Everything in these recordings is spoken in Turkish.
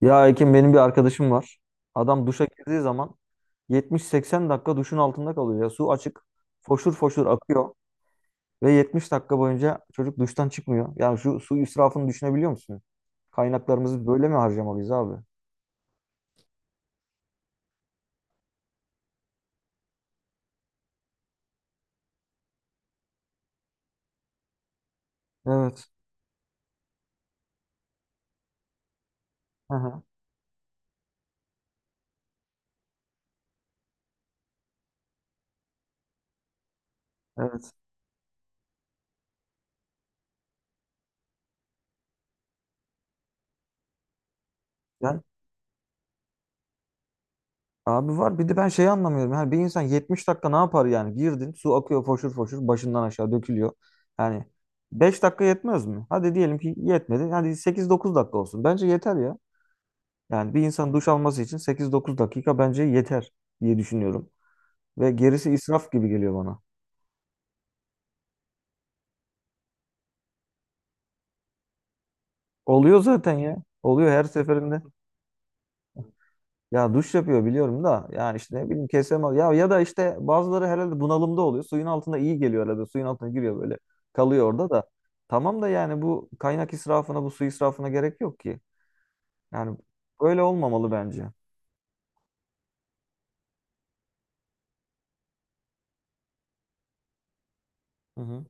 Ya Ekim benim bir arkadaşım var. Adam duşa girdiği zaman 70-80 dakika duşun altında kalıyor ya. Su açık, foşur foşur akıyor ve 70 dakika boyunca çocuk duştan çıkmıyor. Yani şu su israfını düşünebiliyor musun? Kaynaklarımızı böyle mi harcamalıyız abi? Evet. Hı hı. Evet. Yani abi var bir de ben şeyi anlamıyorum. Yani bir insan 70 dakika ne yapar yani? Girdin, su akıyor foşur foşur başından aşağı dökülüyor. Yani 5 dakika yetmez mi? Hadi diyelim ki yetmedi. Hadi 8-9 dakika olsun. Bence yeter ya. Yani bir insan duş alması için 8-9 dakika bence yeter diye düşünüyorum. Ve gerisi israf gibi geliyor bana. Oluyor zaten ya. Oluyor her seferinde. Ya duş yapıyor biliyorum da yani işte ne bileyim kesemez. Ya ya da işte bazıları herhalde bunalımda oluyor. Suyun altında iyi geliyor herhalde. Suyun altına giriyor böyle. Kalıyor orada da. Tamam da yani bu kaynak israfına, bu su israfına gerek yok ki. Yani böyle olmamalı bence. Hı hı.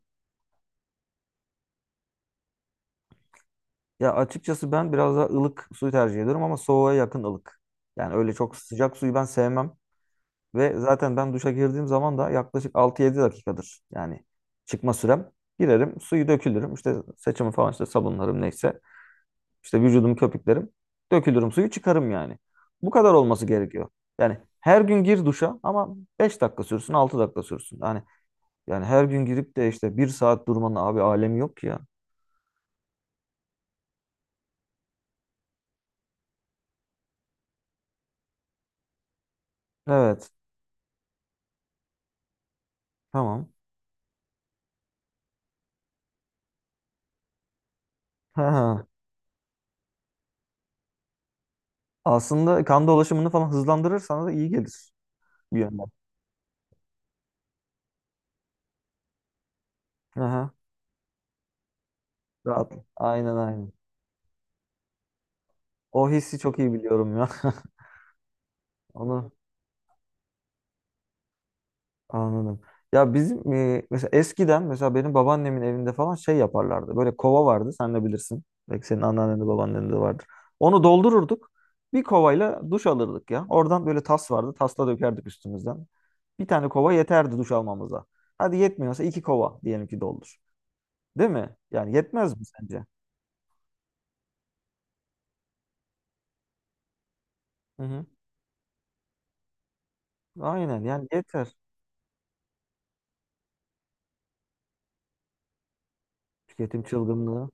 Ya açıkçası ben biraz daha ılık suyu tercih ediyorum ama soğuğa yakın ılık. Yani öyle çok sıcak suyu ben sevmem. Ve zaten ben duşa girdiğim zaman da yaklaşık 6-7 dakikadır. Yani çıkma sürem. Girerim, suyu dökülürüm. İşte saçımı falan işte sabunlarım neyse. İşte vücudumu köpüklerim. Dökülürüm suyu çıkarım yani. Bu kadar olması gerekiyor. Yani her gün gir duşa ama 5 dakika sürsün, 6 dakika sürsün. Yani her gün girip de işte bir saat durmanın abi alemi yok ki ya. Evet, tamam. Ha. Aslında kan dolaşımını falan hızlandırırsan da iyi gelir bir yönden. Aha, rahat. Aynen aynen. O hissi çok iyi biliyorum ya. Onu anladım. Ya bizim mesela eskiden mesela benim babaannemin evinde falan şey yaparlardı. Böyle kova vardı. Sen de bilirsin. Belki senin anneannen de babaannen de vardır. Onu doldururduk. Bir kovayla duş alırdık ya. Oradan böyle tas vardı. Tasla dökerdik üstümüzden. Bir tane kova yeterdi duş almamıza. Hadi yetmiyorsa iki kova diyelim ki doldur. Değil mi? Yani yetmez mi sence? Hı hı. Aynen yani yeter. Tüketim çılgınlığı.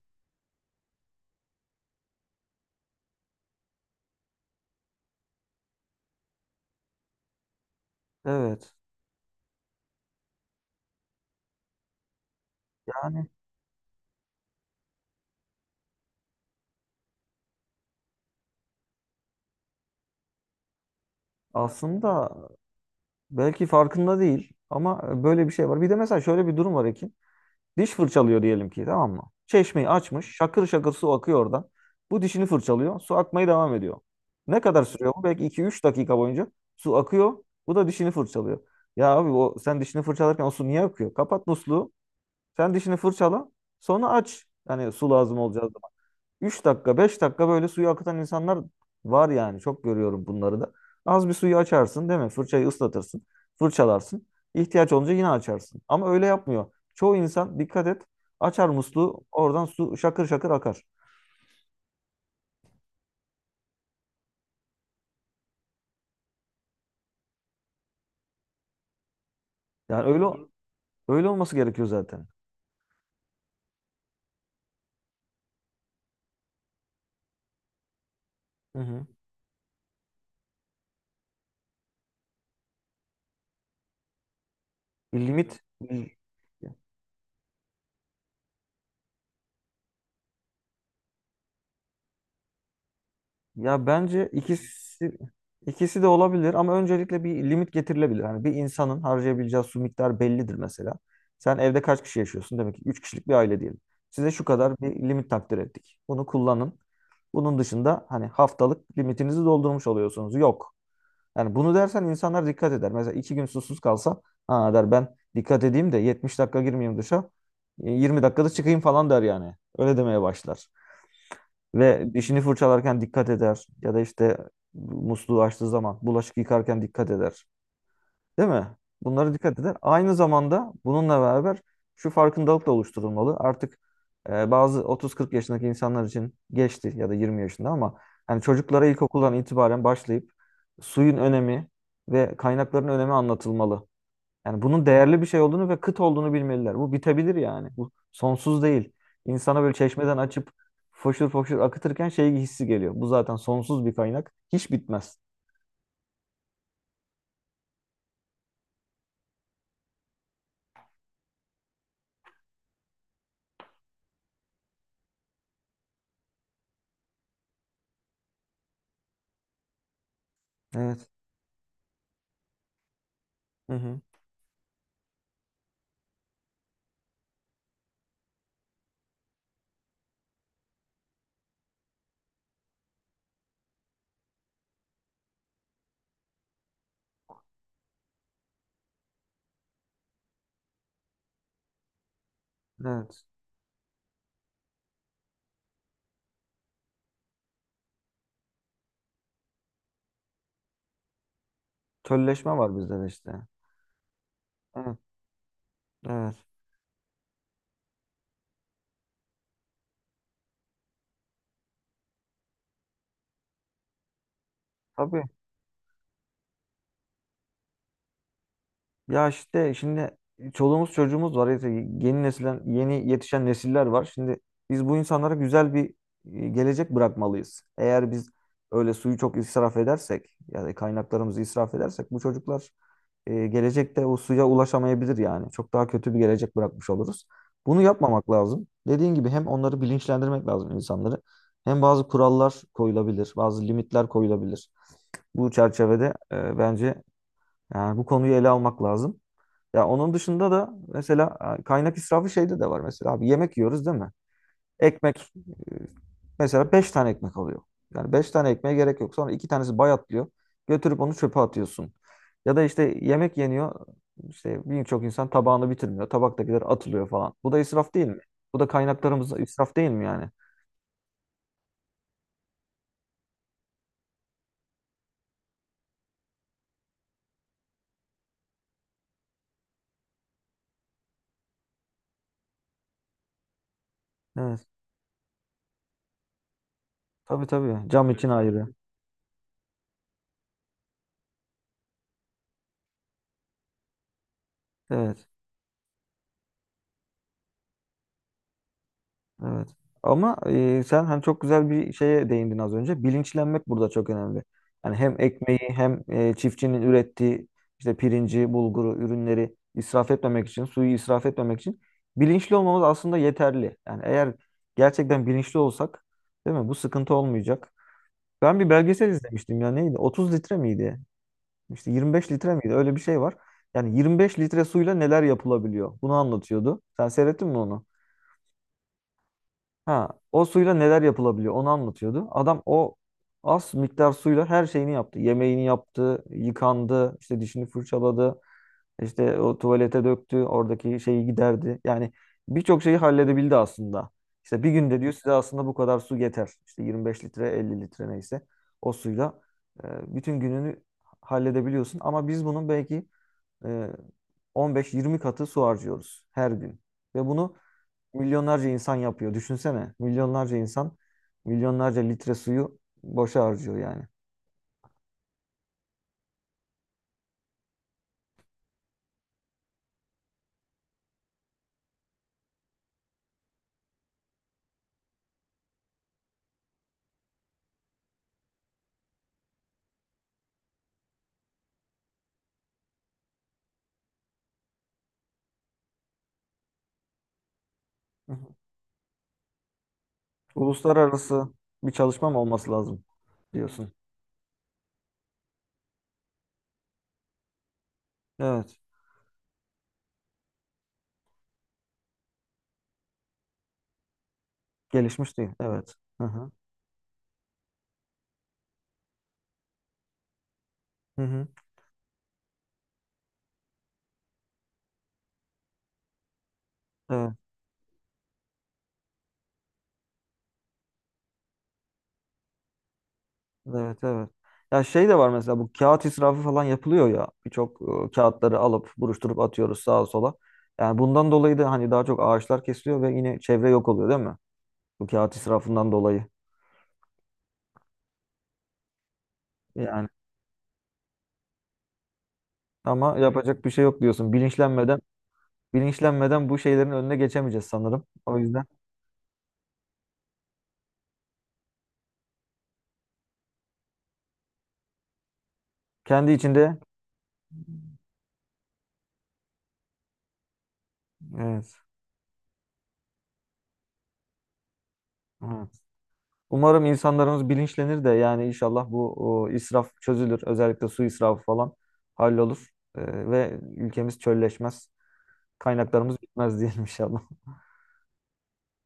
Evet. Yani aslında Belki farkında değil ama böyle bir şey var. Bir de mesela şöyle bir durum var Ekin. Diş fırçalıyor diyelim ki tamam mı? Çeşmeyi açmış şakır şakır su akıyor oradan. Bu dişini fırçalıyor su akmaya devam ediyor. Ne kadar sürüyor bu? Belki 2-3 dakika boyunca su akıyor. Bu da dişini fırçalıyor. Ya abi o sen dişini fırçalarken o su niye akıyor? Kapat musluğu. Sen dişini fırçala. Sonra aç. Yani su lazım olacak. 3 dakika 5 dakika böyle suyu akıtan insanlar var yani. Çok görüyorum bunları da. Az bir suyu açarsın değil mi? Fırçayı ıslatırsın. Fırçalarsın. İhtiyaç olunca yine açarsın. Ama öyle yapmıyor. Çoğu insan dikkat et açar musluğu oradan su şakır şakır akar. Yani öyle olması gerekiyor zaten. Hı hı. Bir limit Ya bence ikisi de olabilir ama öncelikle bir limit getirilebilir. Hani bir insanın harcayabileceği su miktarı bellidir mesela. Sen evde kaç kişi yaşıyorsun? Demek ki 3 kişilik bir aile diyelim. Size şu kadar bir limit takdir ettik. Bunu kullanın. Bunun dışında hani haftalık limitinizi doldurmuş oluyorsunuz. Yok. Yani bunu dersen insanlar dikkat eder. Mesela 2 gün susuz kalsa ha der ben dikkat edeyim de 70 dakika girmeyeyim dışa. 20 dakikada çıkayım falan der yani. Öyle demeye başlar. Ve dişini fırçalarken dikkat eder. Ya da işte musluğu açtığı zaman bulaşık yıkarken dikkat eder. Değil mi? Bunlara dikkat eder. Aynı zamanda bununla beraber şu farkındalık da oluşturulmalı. Artık bazı 30-40 yaşındaki insanlar için geçti ya da 20 yaşında ama yani çocuklara ilkokuldan itibaren başlayıp suyun önemi ve kaynakların önemi anlatılmalı. Yani bunun değerli bir şey olduğunu ve kıt olduğunu bilmeliler. Bu bitebilir yani. Bu sonsuz değil. İnsana böyle çeşmeden açıp foşur foşur akıtırken şey hissi geliyor. Bu zaten sonsuz bir kaynak. Hiç bitmez. Evet. Hı hı. Evet. Tölleşme var bizde de işte. Evet. Evet. Tabii. Ya işte şimdi çoluğumuz çocuğumuz var. İşte yeni nesiller, yeni yetişen nesiller var. Şimdi biz bu insanlara güzel bir gelecek bırakmalıyız. Eğer biz öyle suyu çok israf edersek, yani kaynaklarımızı israf edersek bu çocuklar gelecekte o suya ulaşamayabilir yani. Çok daha kötü bir gelecek bırakmış oluruz. Bunu yapmamak lazım. Dediğin gibi hem onları bilinçlendirmek lazım insanları, hem bazı kurallar koyulabilir, bazı limitler koyulabilir. Bu çerçevede bence yani bu konuyu ele almak lazım. Ya onun dışında da mesela kaynak israfı şeyde de var mesela abi yemek yiyoruz değil mi? Ekmek e, mesela 5 tane ekmek alıyor. Yani 5 tane ekmeğe gerek yok. Sonra 2 tanesi bayatlıyor. Götürüp onu çöpe atıyorsun. Ya da işte yemek yeniyor. İşte birçok insan tabağını bitirmiyor. Tabaktakiler atılıyor falan. Bu da israf değil mi? Bu da kaynaklarımız israf değil mi yani? Evet. Tabii tabii. Cam için, evet, ayrı. Evet. Evet. Ama sen hani çok güzel bir şeye değindin az önce. Bilinçlenmek burada çok önemli. Yani hem ekmeği hem çiftçinin ürettiği işte pirinci, bulguru, ürünleri israf etmemek için, suyu israf etmemek için bilinçli olmamız aslında yeterli. Yani eğer gerçekten bilinçli olsak, değil mi? Bu sıkıntı olmayacak. Ben bir belgesel izlemiştim ya neydi? 30 litre miydi? İşte 25 litre miydi? Öyle bir şey var. Yani 25 litre suyla neler yapılabiliyor? Bunu anlatıyordu. Sen seyrettin mi onu? Ha, o suyla neler yapılabiliyor onu anlatıyordu. Adam o az miktar suyla her şeyini yaptı. Yemeğini yaptı, yıkandı, işte dişini fırçaladı, işte o tuvalete döktü, oradaki şeyi giderdi. Yani birçok şeyi halledebildi aslında. İşte bir günde diyor size aslında bu kadar su yeter. İşte 25 litre, 50 litre neyse o suyla bütün gününü halledebiliyorsun. Ama biz bunun belki e, 15-20 katı su harcıyoruz her gün. Ve bunu milyonlarca insan yapıyor. Düşünsene. Milyonlarca insan milyonlarca litre suyu boşa harcıyor yani. Hı hı. Uluslararası bir çalışma mı olması lazım diyorsun. Evet. Gelişmiş değil. Evet. Hı hı. Hı hı. Evet. Evet. Evet. Ya şey de var mesela bu kağıt israfı falan yapılıyor ya. Birçok kağıtları alıp buruşturup atıyoruz sağa sola. Yani bundan dolayı da hani daha çok ağaçlar kesiliyor ve yine çevre yok oluyor değil mi? Bu kağıt israfından dolayı. Yani ama yapacak bir şey yok diyorsun. Bilinçlenmeden bu şeylerin önüne geçemeyeceğiz sanırım. O yüzden kendi içinde evet, evet. Umarım insanlarımız bilinçlenir de yani inşallah bu israf çözülür. Özellikle su israfı falan hallolur. Ve ülkemiz çölleşmez. Kaynaklarımız bitmez diyelim inşallah.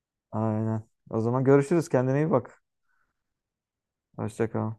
Aynen. O zaman görüşürüz. Kendine iyi bak. Hoşça kal.